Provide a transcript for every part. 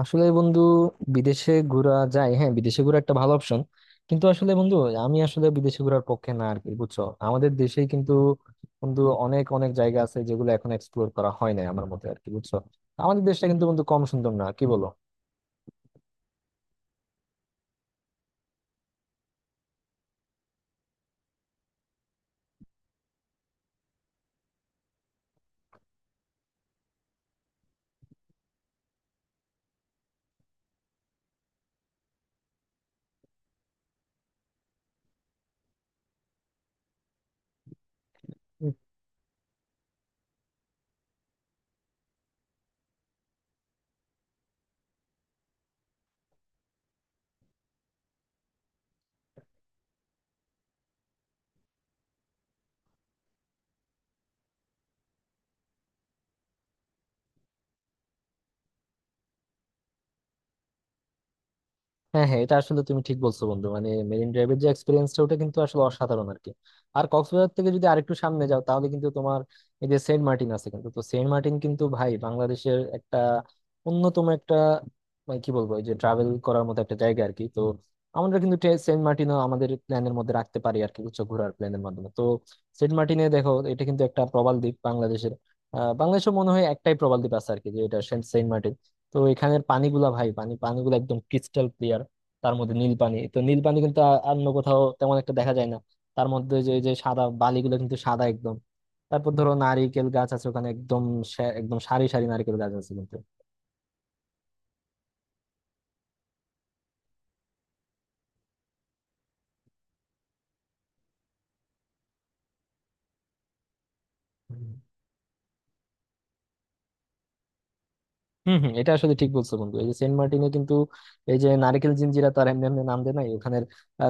আসলে বন্ধু, বিদেশে ঘোরা যায়, হ্যাঁ, বিদেশে ঘোরা একটা ভালো অপশন, কিন্তু আসলে বন্ধু, আমি আসলে বিদেশে ঘোরার পক্ষে না আর কি, বুঝছো? আমাদের দেশেই কিন্তু বন্ধু অনেক অনেক জায়গা আছে যেগুলো এখন এক্সপ্লোর করা হয় না আমার মতে আর কি, বুঝছো? আমাদের দেশটা কিন্তু বন্ধু কম সুন্দর না, কি বলো? হ্যাঁ হ্যাঁ, এটা আসলে তুমি ঠিক বলছো বন্ধু, মানে মেরিন ড্রাইভের যে এক্সপিরিয়েন্সটা ওটা কিন্তু আসলে অসাধারণ আর কি। আর কক্সবাজার থেকে যদি আরেকটু সামনে যাও তাহলে কিন্তু তোমার এই যে সেন্ট মার্টিন আছে কিন্তু, তো সেন্ট মার্টিন কিন্তু ভাই বাংলাদেশের একটা অন্যতম একটা, মানে কি বলবো, এই যে ট্রাভেল করার মতো একটা জায়গা আর কি। তো আমরা কিন্তু সেন্ট মার্টিনও আমাদের প্ল্যানের মধ্যে রাখতে পারি আর কি, উচ্চ ঘোরার প্ল্যানের মাধ্যমে। তো সেন্ট মার্টিনে দেখো, এটা কিন্তু একটা প্রবাল দ্বীপ বাংলাদেশের। বাংলাদেশে মনে হয় একটাই প্রবাল দ্বীপ আছে আর কি, যে এটা সেন্ট সেন্ট মার্টিন। তো এখানের পানিগুলা ভাই, পানিগুলো একদম ক্রিস্টাল, তার মধ্যে নীল পানি, তো নীল পানি কিন্তু আর অন্য কোথাও তেমন একটা দেখা যায় না। তার মধ্যে যে যে সাদা বালিগুলো কিন্তু সাদা একদম। তারপর ধরো নারিকেল গাছ আছে ওখানে, একদম একদম সারি সারি নারকেল গাছ আছে কিন্তু। হম হম, এটা আসলে ঠিক বলছো বন্ধু, এই যে সেন্ট মার্টিনে কিন্তু এই যে নারকেল জিঞ্জিরা, তার এমনি এমনি নাম দেয় নাই, ওখানের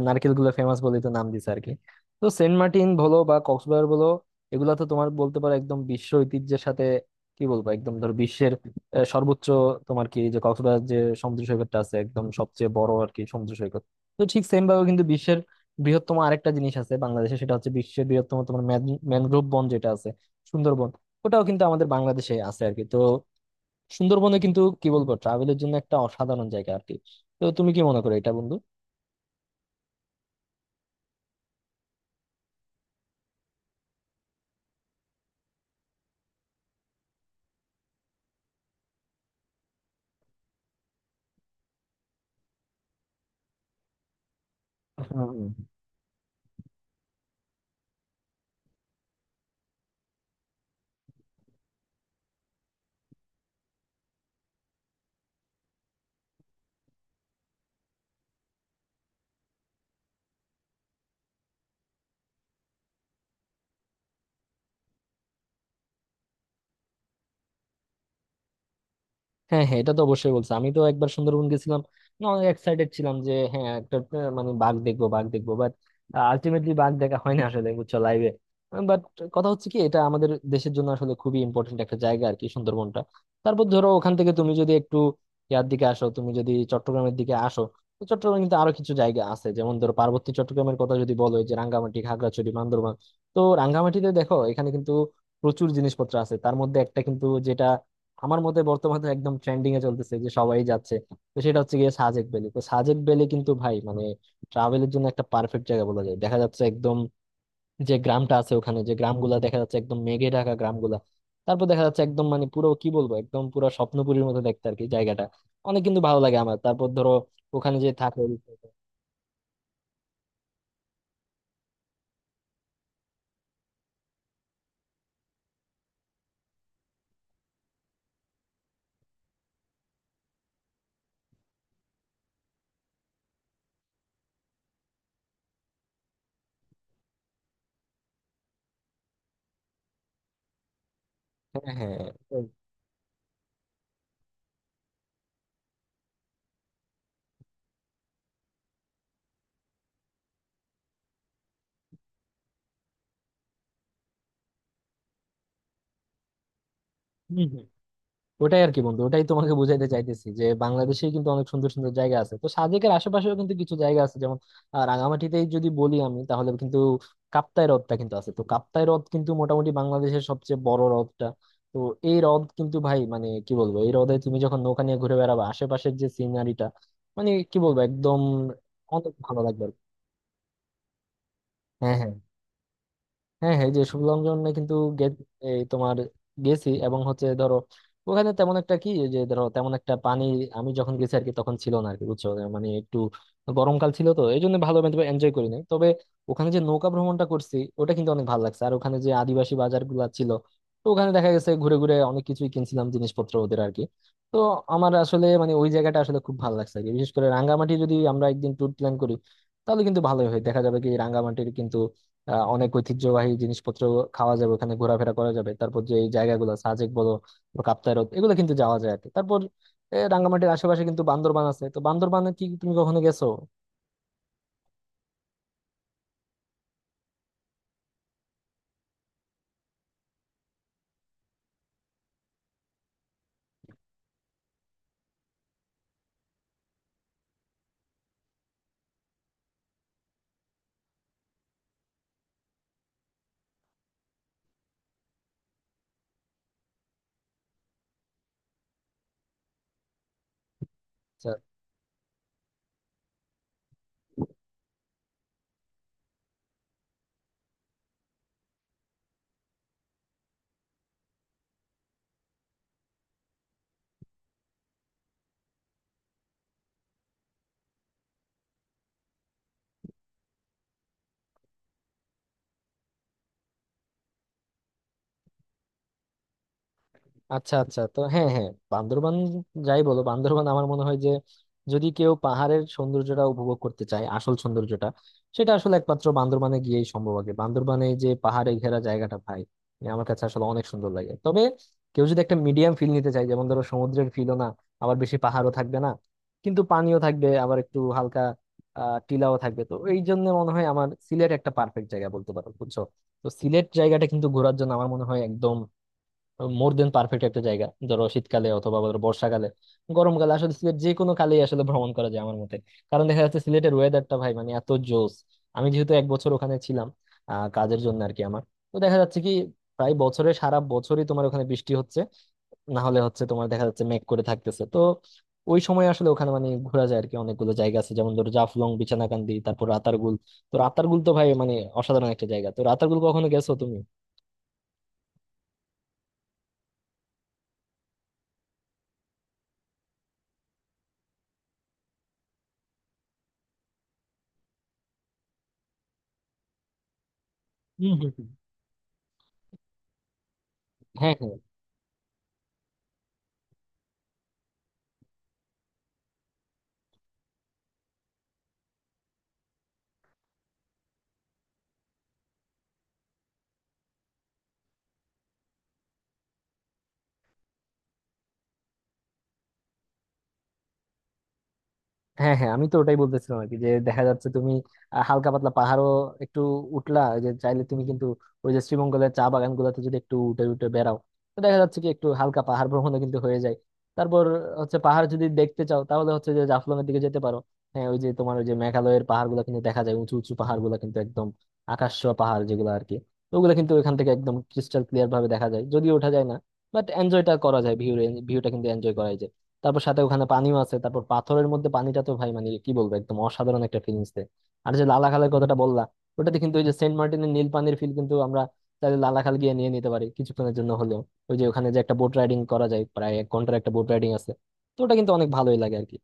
নারকেল গুলো ফেমাস বলেই তো নাম দিছে আর কি। তো সেন্ট মার্টিন বলো বা কক্সবাজার বলো, এগুলা তো তোমার বলতে পারো একদম বিশ্ব ঐতিহ্যের সাথে, কি বলবো, একদম ধরো বিশ্বের সর্বোচ্চ, তোমার কি যে কক্সবাজার যে সমুদ্র সৈকতটা আছে একদম সবচেয়ে বড় আর কি সমুদ্র সৈকত। তো ঠিক সেম ভাবে কিন্তু বিশ্বের বৃহত্তম আরেকটা জিনিস আছে বাংলাদেশে, সেটা হচ্ছে বিশ্বের বৃহত্তম তোমার ম্যানগ্রোভ বন যেটা আছে, সুন্দরবন। ওটাও কিন্তু আমাদের বাংলাদেশে আছে আর কি। তো সুন্দরবনে কিন্তু কি বলবো, ট্রাভেলের জন্য একটা অসাধারণ জায়গা আর কি। তো তুমি কি মনে করো এটা বন্ধু? হ্যাঁ হ্যাঁ, হ্যাঁ এটা তো অবশ্যই বলছে, আমি তো একবার সুন্দরবন গেছিলাম। না, অনেক এক্সাইটেড ছিলাম যে হ্যাঁ, একটা মানে বাঘ দেখবো, বাঘ দেখবো, বাট আলটিমেটলি বাঘ দেখা হয় না আসলে, বুঝছো, লাইভে। বাট কথা হচ্ছে কি, এটা আমাদের দেশের জন্য আসলে খুবই ইম্পর্টেন্ট একটা জায়গা আর কি, সুন্দরবনটা। তারপর ধরো ওখান থেকে তুমি যদি একটু ইয়ার দিকে আসো, তুমি যদি চট্টগ্রামের দিকে আসো, তো চট্টগ্রামে কিন্তু আরো কিছু জায়গা আছে, যেমন ধরো পার্বতী চট্টগ্রামের কথা যদি বলো, এই যে রাঙ্গামাটি, খাগড়াছড়ি, বান্দরবান। তো রাঙ্গামাটিতে দেখো, এখানে কিন্তু প্রচুর জিনিসপত্র আছে, তার মধ্যে একটা কিন্তু যেটা আমার মতে বর্তমানে একদম ট্রেন্ডিং এ চলতেছে, যে সবাই যাচ্ছে, তো সেটা হচ্ছে গিয়ে সাজেক ভ্যালি। তো সাজেক ভ্যালি কিন্তু ভাই, মানে ট্রাভেলের জন্য একটা পারফেক্ট জায়গা বলা যায়। দেখা যাচ্ছে একদম যে গ্রামটা আছে ওখানে, যে গ্রামগুলা দেখা যাচ্ছে একদম মেঘে ঢাকা গ্রামগুলা। তারপর দেখা যাচ্ছে একদম মানে পুরো, কি বলবো, একদম পুরো স্বপ্নপুরীর মতো দেখতে আর কি জায়গাটা। অনেক কিন্তু ভালো লাগে আমার। তারপর ধরো ওখানে যে থাকে। হ্যাঁ হ্যাঁ। তো। হম হম। ওটাই আর কি বন্ধু, ওটাই তোমাকে বুঝাইতে চাইতেছি, যে বাংলাদেশে কিন্তু অনেক সুন্দর সুন্দর জায়গা আছে। তো সাজেকের আশেপাশেও কিন্তু কিছু জায়গা আছে, যেমন রাঙামাটিতেই যদি বলি আমি, তাহলে কিন্তু কাপ্তাই হ্রদটা কিন্তু আছে। তো কাপ্তাই হ্রদ কিন্তু মোটামুটি বাংলাদেশের সবচেয়ে বড় হ্রদটা। তো এই হ্রদ কিন্তু ভাই মানে কি বলবো, এই হ্রদে তুমি যখন নৌকা নিয়ে ঘুরে বেড়াবে, আশেপাশের যে সিনারিটা, মানে কি বলবো, একদম অনেক ভালো লাগবে আর কি। হ্যাঁ হ্যাঁ। হ্যাঁ হ্যাঁ, এই যে শুভলঙ্ঘনে কিন্তু এই তোমার গেছি, এবং হচ্ছে ধরো ওখানে তেমন একটা কি, এই যে ধরো তেমন একটা পানি আমি যখন গেছি আর কি তখন ছিল না আর কি, বুঝছো? মানে একটু গরমকাল ছিল, তো এই জন্য ভালো এনজয় করি নাই। তবে ওখানে যে নৌকা ভ্রমণটা করছি, ওটা কিন্তু অনেক ভালো লাগছে। আর ওখানে যে আদিবাসী বাজার গুলা ছিল, তো ওখানে দেখা গেছে ঘুরে ঘুরে অনেক কিছুই কিনছিলাম জিনিসপত্র ওদের আর কি। তো আমার আসলে মানে ওই জায়গাটা আসলে খুব ভালো লাগছে আর কি। বিশেষ করে রাঙ্গামাটি যদি আমরা একদিন ট্যুর প্ল্যান করি তাহলে কিন্তু ভালোই হয়। দেখা যাবে কি, রাঙ্গামাটির কিন্তু অনেক ঐতিহ্যবাহী জিনিসপত্র খাওয়া যাবে, ওখানে ঘোরাফেরা করা যাবে। তারপর যে এই জায়গাগুলো সাজেক বলো বা কাপ্তাই হ্রদ, এগুলো কিন্তু যাওয়া যায় আর কি। তারপর রাঙ্গামাটির আশেপাশে কিন্তু বান্দরবান আছে। তো বান্দরবানে কি তুমি কখনো গেছো? আচ্ছা। আচ্ছা আচ্ছা, তো হ্যাঁ হ্যাঁ, বান্দরবান যাই বলো, বান্দরবান আমার মনে হয় যে যদি কেউ পাহাড়ের সৌন্দর্যটা উপভোগ করতে চায়, আসল সৌন্দর্যটা, সেটা আসলে একমাত্র বান্দরবানে গিয়েই সম্ভব। আগে বান্দরবানে এই যে পাহাড়ে ঘেরা জায়গাটা ভাই, মানে আমার কাছে আসলে অনেক সুন্দর লাগে। তবে কেউ যদি একটা মিডিয়াম ফিল নিতে চায়, যেমন ধরো সমুদ্রের ফিলও না, আবার বেশি পাহাড়ও থাকবে না, কিন্তু পানিও থাকবে, আবার একটু হালকা টিলাও থাকবে, তো এই জন্য মনে হয় আমার সিলেট একটা পারফেক্ট জায়গা বলতে পারো, বুঝছো? তো সিলেট জায়গাটা কিন্তু ঘোরার জন্য আমার মোর দেন পারফেক্ট একটা জায়গা। ধরো শীতকালে অথবা ধরো বর্ষাকালে, গরমকালে, আসলে সিলেট যে কোনো কালেই আসলে ভ্রমণ করা যায় আমার মতে। কারণ দেখা যাচ্ছে সিলেটের ওয়েদারটা ভাই মানে এত জোস। আমি যেহেতু এক বছর ওখানে ছিলাম কাজের জন্য আর কি আমার, তো দেখা যাচ্ছে কি প্রায় বছরে সারা বছরই তোমার ওখানে বৃষ্টি হচ্ছে, না হলে হচ্ছে তোমার দেখা যাচ্ছে মেঘ করে থাকতেছে। তো ওই সময় আসলে ওখানে মানে ঘোরা যায় আর কি। অনেকগুলো জায়গা আছে যেমন ধরো জাফলং, বিছানাকান্দি, তারপর রাতারগুল। তো রাতারগুল তো ভাই মানে অসাধারণ একটা জায়গা। তো রাতারগুল কখনো গেছো তুমি? হম হম হম। হ্যাঁ হ্যাঁ। হ্যাঁ হ্যাঁ, আমি তো ওটাই বলতেছিলাম আর কি, যে দেখা যাচ্ছে তুমি হালকা পাতলা পাহাড়ও একটু উঠলা, ওই যে চাইলে তুমি কিন্তু ওই যে শ্রীমঙ্গলের চা বাগান গুলাতে যদি একটু উঠে উঠে বেড়াও, তো দেখা যাচ্ছে কি একটু হালকা পাহাড় ভ্রমণও কিন্তু হয়ে যায়। তারপর হচ্ছে পাহাড় যদি দেখতে চাও তাহলে হচ্ছে যে জাফলং এর দিকে যেতে পারো। হ্যাঁ, ওই যে তোমার ওই যে মেঘালয়ের পাহাড় গুলা কিন্তু দেখা যায়, উঁচু উঁচু পাহাড় গুলা কিন্তু একদম আকাশ ছোঁয়া পাহাড় যেগুলো আর কি। ওগুলো কিন্তু ওখান থেকে একদম ক্রিস্টাল ক্লিয়ার ভাবে দেখা যায়, যদিও ওঠা যায় না, বাট এনজয়টা করা যায়, ভিউ, ভিউটা কিন্তু এনজয় করা যায়। তারপর সাথে ওখানে পানিও আছে, তারপর পাথরের মধ্যে পানিটা তো ভাই মানে কি বলবো একদম অসাধারণ একটা ফিলিংস দেয়। আর যে লালাখালের কথাটা বললা, ওটাতে কিন্তু ওই যে সেন্ট মার্টিনের নীল পানির ফিল কিন্তু আমরা তাহলে লালাখাল গিয়ে নিয়ে নিতে পারি কিছুক্ষণের জন্য হলেও। ওই যে ওখানে যে একটা বোট রাইডিং করা যায়, প্রায় এক ঘন্টার একটা বোট রাইডিং আছে, তো ওটা কিন্তু অনেক ভালোই লাগে আর কি।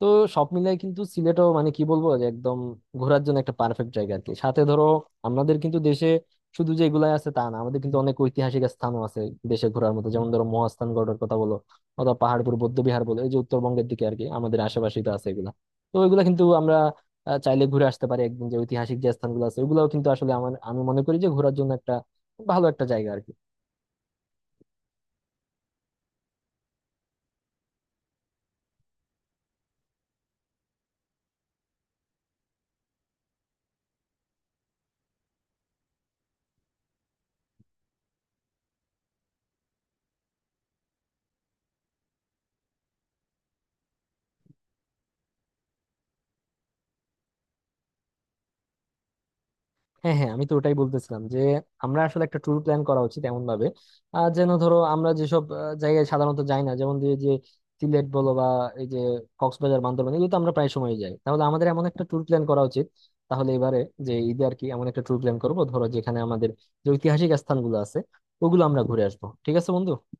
তো সব মিলাই কিন্তু সিলেটও মানে কি বলবো যে একদম ঘোরার জন্য একটা পারফেক্ট জায়গা আর কি। সাথে ধরো আমাদের কিন্তু দেশে শুধু যে এগুলাই আছে তা না, আমাদের কিন্তু অনেক ঐতিহাসিক স্থানও আছে দেশে ঘোরার মতো, যেমন ধরো মহাস্থানগড়ের কথা বলো অথবা পাহাড়পুর বৌদ্ধবিহার বলো, এই যে উত্তরবঙ্গের দিকে আর কি আমাদের আশেপাশেই তো আছে এগুলা। তো এগুলা কিন্তু আমরা চাইলে ঘুরে আসতে পারি একদিন, যে ঐতিহাসিক যে স্থানগুলো আছে ওগুলাও কিন্তু আসলে আমার, আমি মনে করি যে ঘোরার জন্য একটা ভালো একটা জায়গা আর কি। হ্যাঁ হ্যাঁ, আমি তো ওটাই বলতেছিলাম, যে আমরা আসলে একটা ট্যুর প্ল্যান করা উচিত এমন ভাবে যেন ধরো আমরা যেসব জায়গায় সাধারণত যাই না, যেমন যে যে সিলেট বলো বা এই যে কক্সবাজার, বান্দরবান, এগুলো তো আমরা প্রায় সময় যাই, তাহলে আমাদের এমন একটা ট্যুর প্ল্যান করা উচিত, তাহলে এবারে যে ঈদে আর কি এমন একটা ট্যুর প্ল্যান করবো ধরো যেখানে আমাদের যে ঐতিহাসিক স্থানগুলো আছে ওগুলো আমরা ঘুরে আসবো। ঠিক আছে বন্ধু?